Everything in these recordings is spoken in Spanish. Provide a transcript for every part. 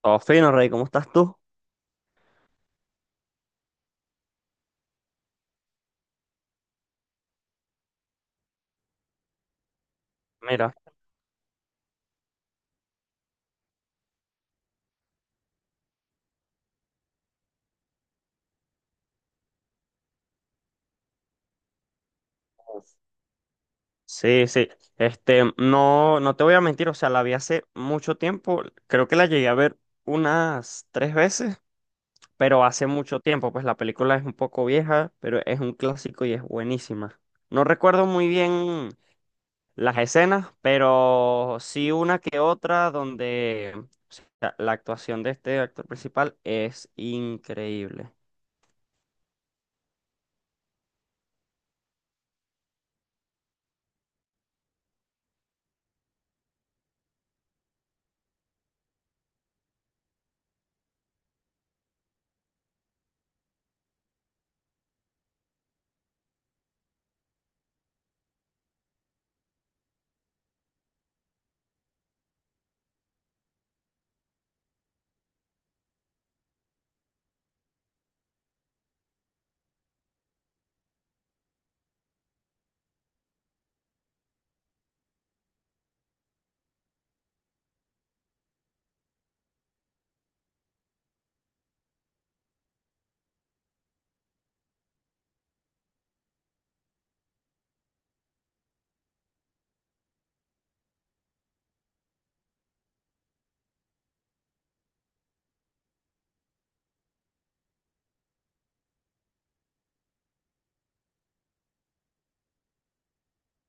Todo fino, Rey, ¿cómo estás tú? Mira, sí, sí. Este, no, no te voy a mentir, o sea, la vi hace mucho tiempo. Creo que la llegué a ver unas tres veces, pero hace mucho tiempo. Pues la película es un poco vieja, pero es un clásico y es buenísima. No recuerdo muy bien las escenas, pero sí una que otra donde o sea, la actuación de este actor principal es increíble.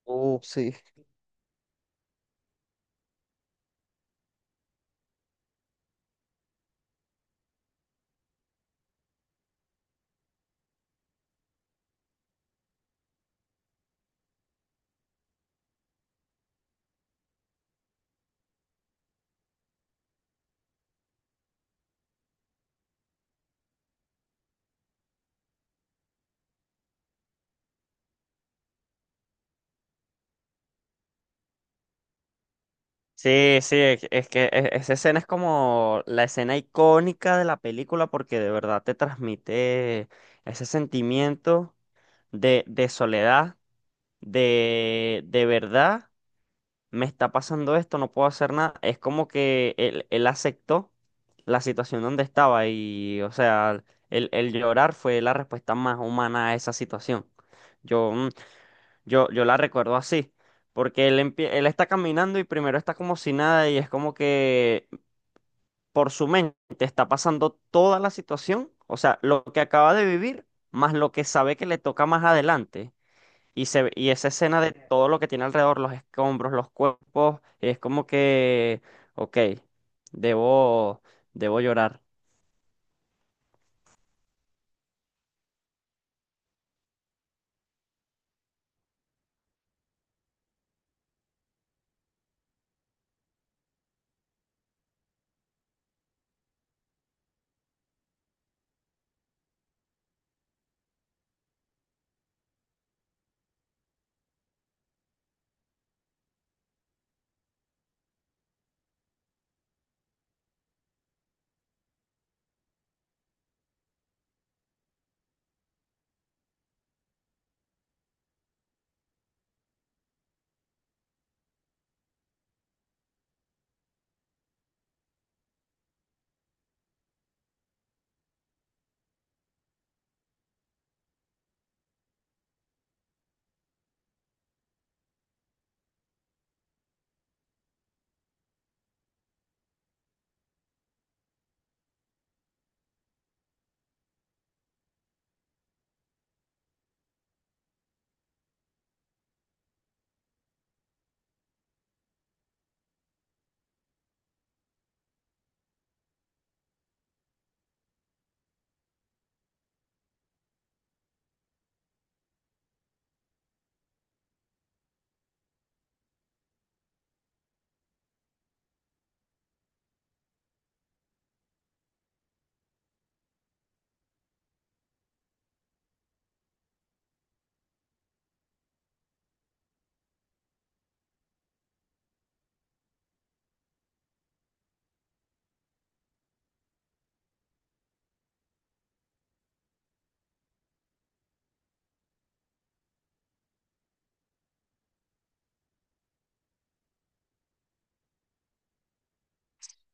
Oh, sí. Sí, sí, es que esa escena es como la escena icónica de la película porque de verdad te transmite ese sentimiento de soledad, de verdad, me está pasando esto, no puedo hacer nada. Es como que él aceptó la situación donde estaba y, o sea, el llorar fue la respuesta más humana a esa situación. Yo yo la recuerdo así, porque él, él está caminando y primero está como si nada y es como que por su mente está pasando toda la situación, o sea, lo que acaba de vivir, más lo que sabe que le toca más adelante. Y, y esa escena de todo lo que tiene alrededor, los escombros, los cuerpos, es como que, ok, debo, debo llorar.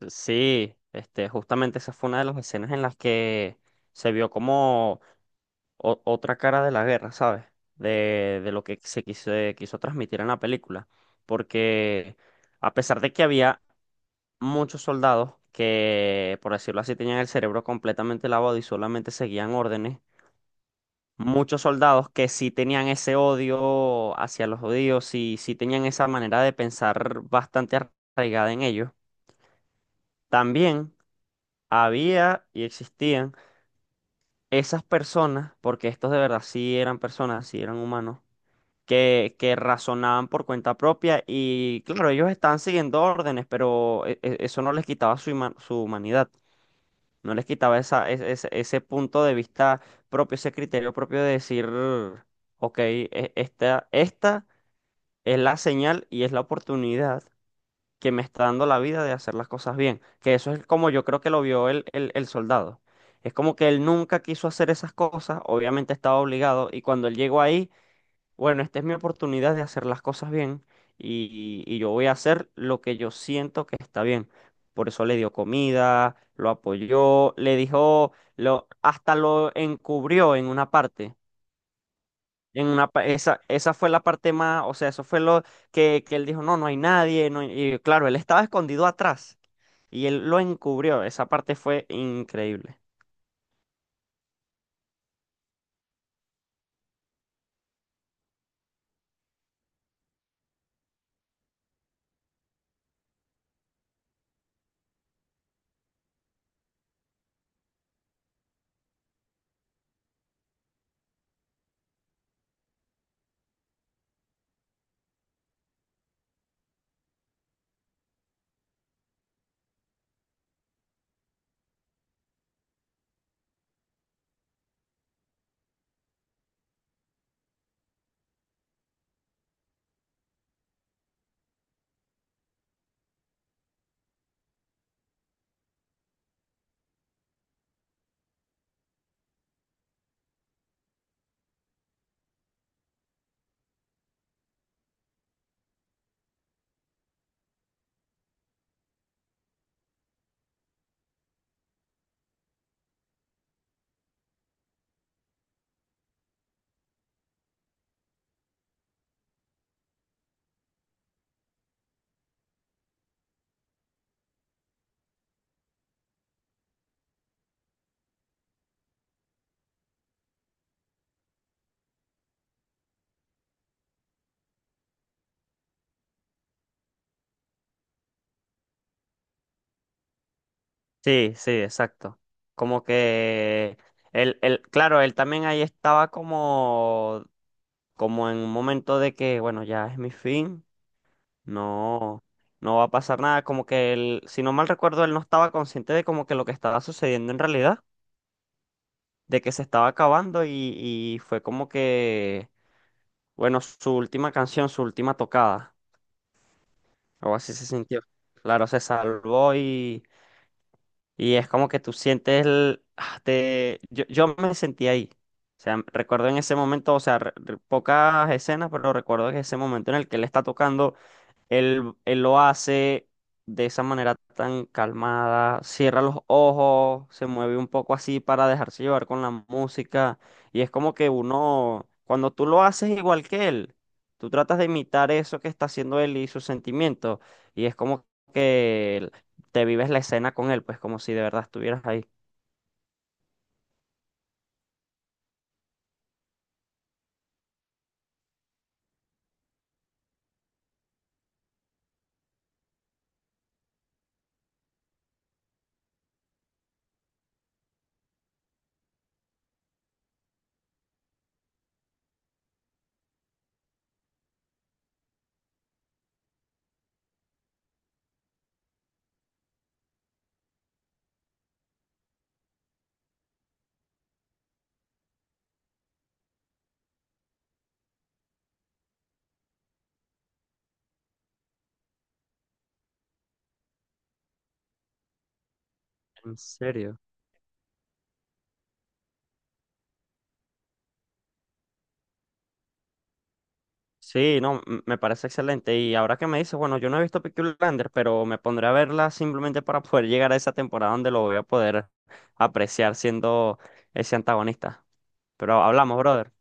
Sí, este, justamente esa fue una de las escenas en las que se vio como... otra cara de la guerra, ¿sabes? De lo que quiso transmitir en la película. Porque a pesar de que había muchos soldados que, por decirlo así, tenían el cerebro completamente lavado y solamente seguían órdenes, muchos soldados que sí tenían ese odio hacia los judíos y sí tenían esa manera de pensar bastante arraigada en ellos, también había y existían esas personas, porque estos de verdad sí eran personas, sí eran humanos que razonaban por cuenta propia y claro, ellos estaban siguiendo órdenes, pero eso no les quitaba su, su humanidad, no les quitaba esa, ese, ese punto de vista propio, ese criterio propio de decir, ok, esta, esta es la señal y es la oportunidad que me está dando la vida de hacer las cosas bien, que eso es como yo creo que lo vio el soldado. Es como que él nunca quiso hacer esas cosas, obviamente estaba obligado, y cuando él llegó ahí, bueno, esta es mi oportunidad de hacer las cosas bien y yo voy a hacer lo que yo siento que está bien. Por eso le dio comida, lo apoyó, le dijo, lo, hasta lo encubrió en una parte. En una, esa, esa fue la parte más, o sea, eso fue lo que él dijo, no, no hay nadie. No hay.". Y claro, él estaba escondido atrás y él lo encubrió. Esa parte fue increíble. Sí, sí, exacto. Como que él, claro, él también ahí estaba como como en un momento de que, bueno, ya es mi fin, no, no va a pasar nada, como que él, si no mal recuerdo, él no estaba consciente de como que lo que estaba sucediendo en realidad, de que se estaba acabando y fue como que, bueno, su última canción, su última tocada, o así se sintió. Claro, se salvó y es como que tú sientes el, ah, te, yo me sentí ahí. O sea, recuerdo en ese momento, o sea, pocas escenas, pero recuerdo que ese momento en el que él está tocando. Él lo hace de esa manera tan calmada, cierra los ojos, se mueve un poco así para dejarse llevar con la música. Y es como que uno, cuando tú lo haces igual que él, tú tratas de imitar eso que está haciendo él y sus sentimientos. Y es como que te vives la escena con él, pues como si de verdad estuvieras ahí. ¿En serio? Sí, no, me parece excelente. Y ahora que me dices, bueno, yo no he visto Peaky Blinders, pero me pondré a verla simplemente para poder llegar a esa temporada donde lo voy a poder apreciar siendo ese antagonista. Pero hablamos, brother.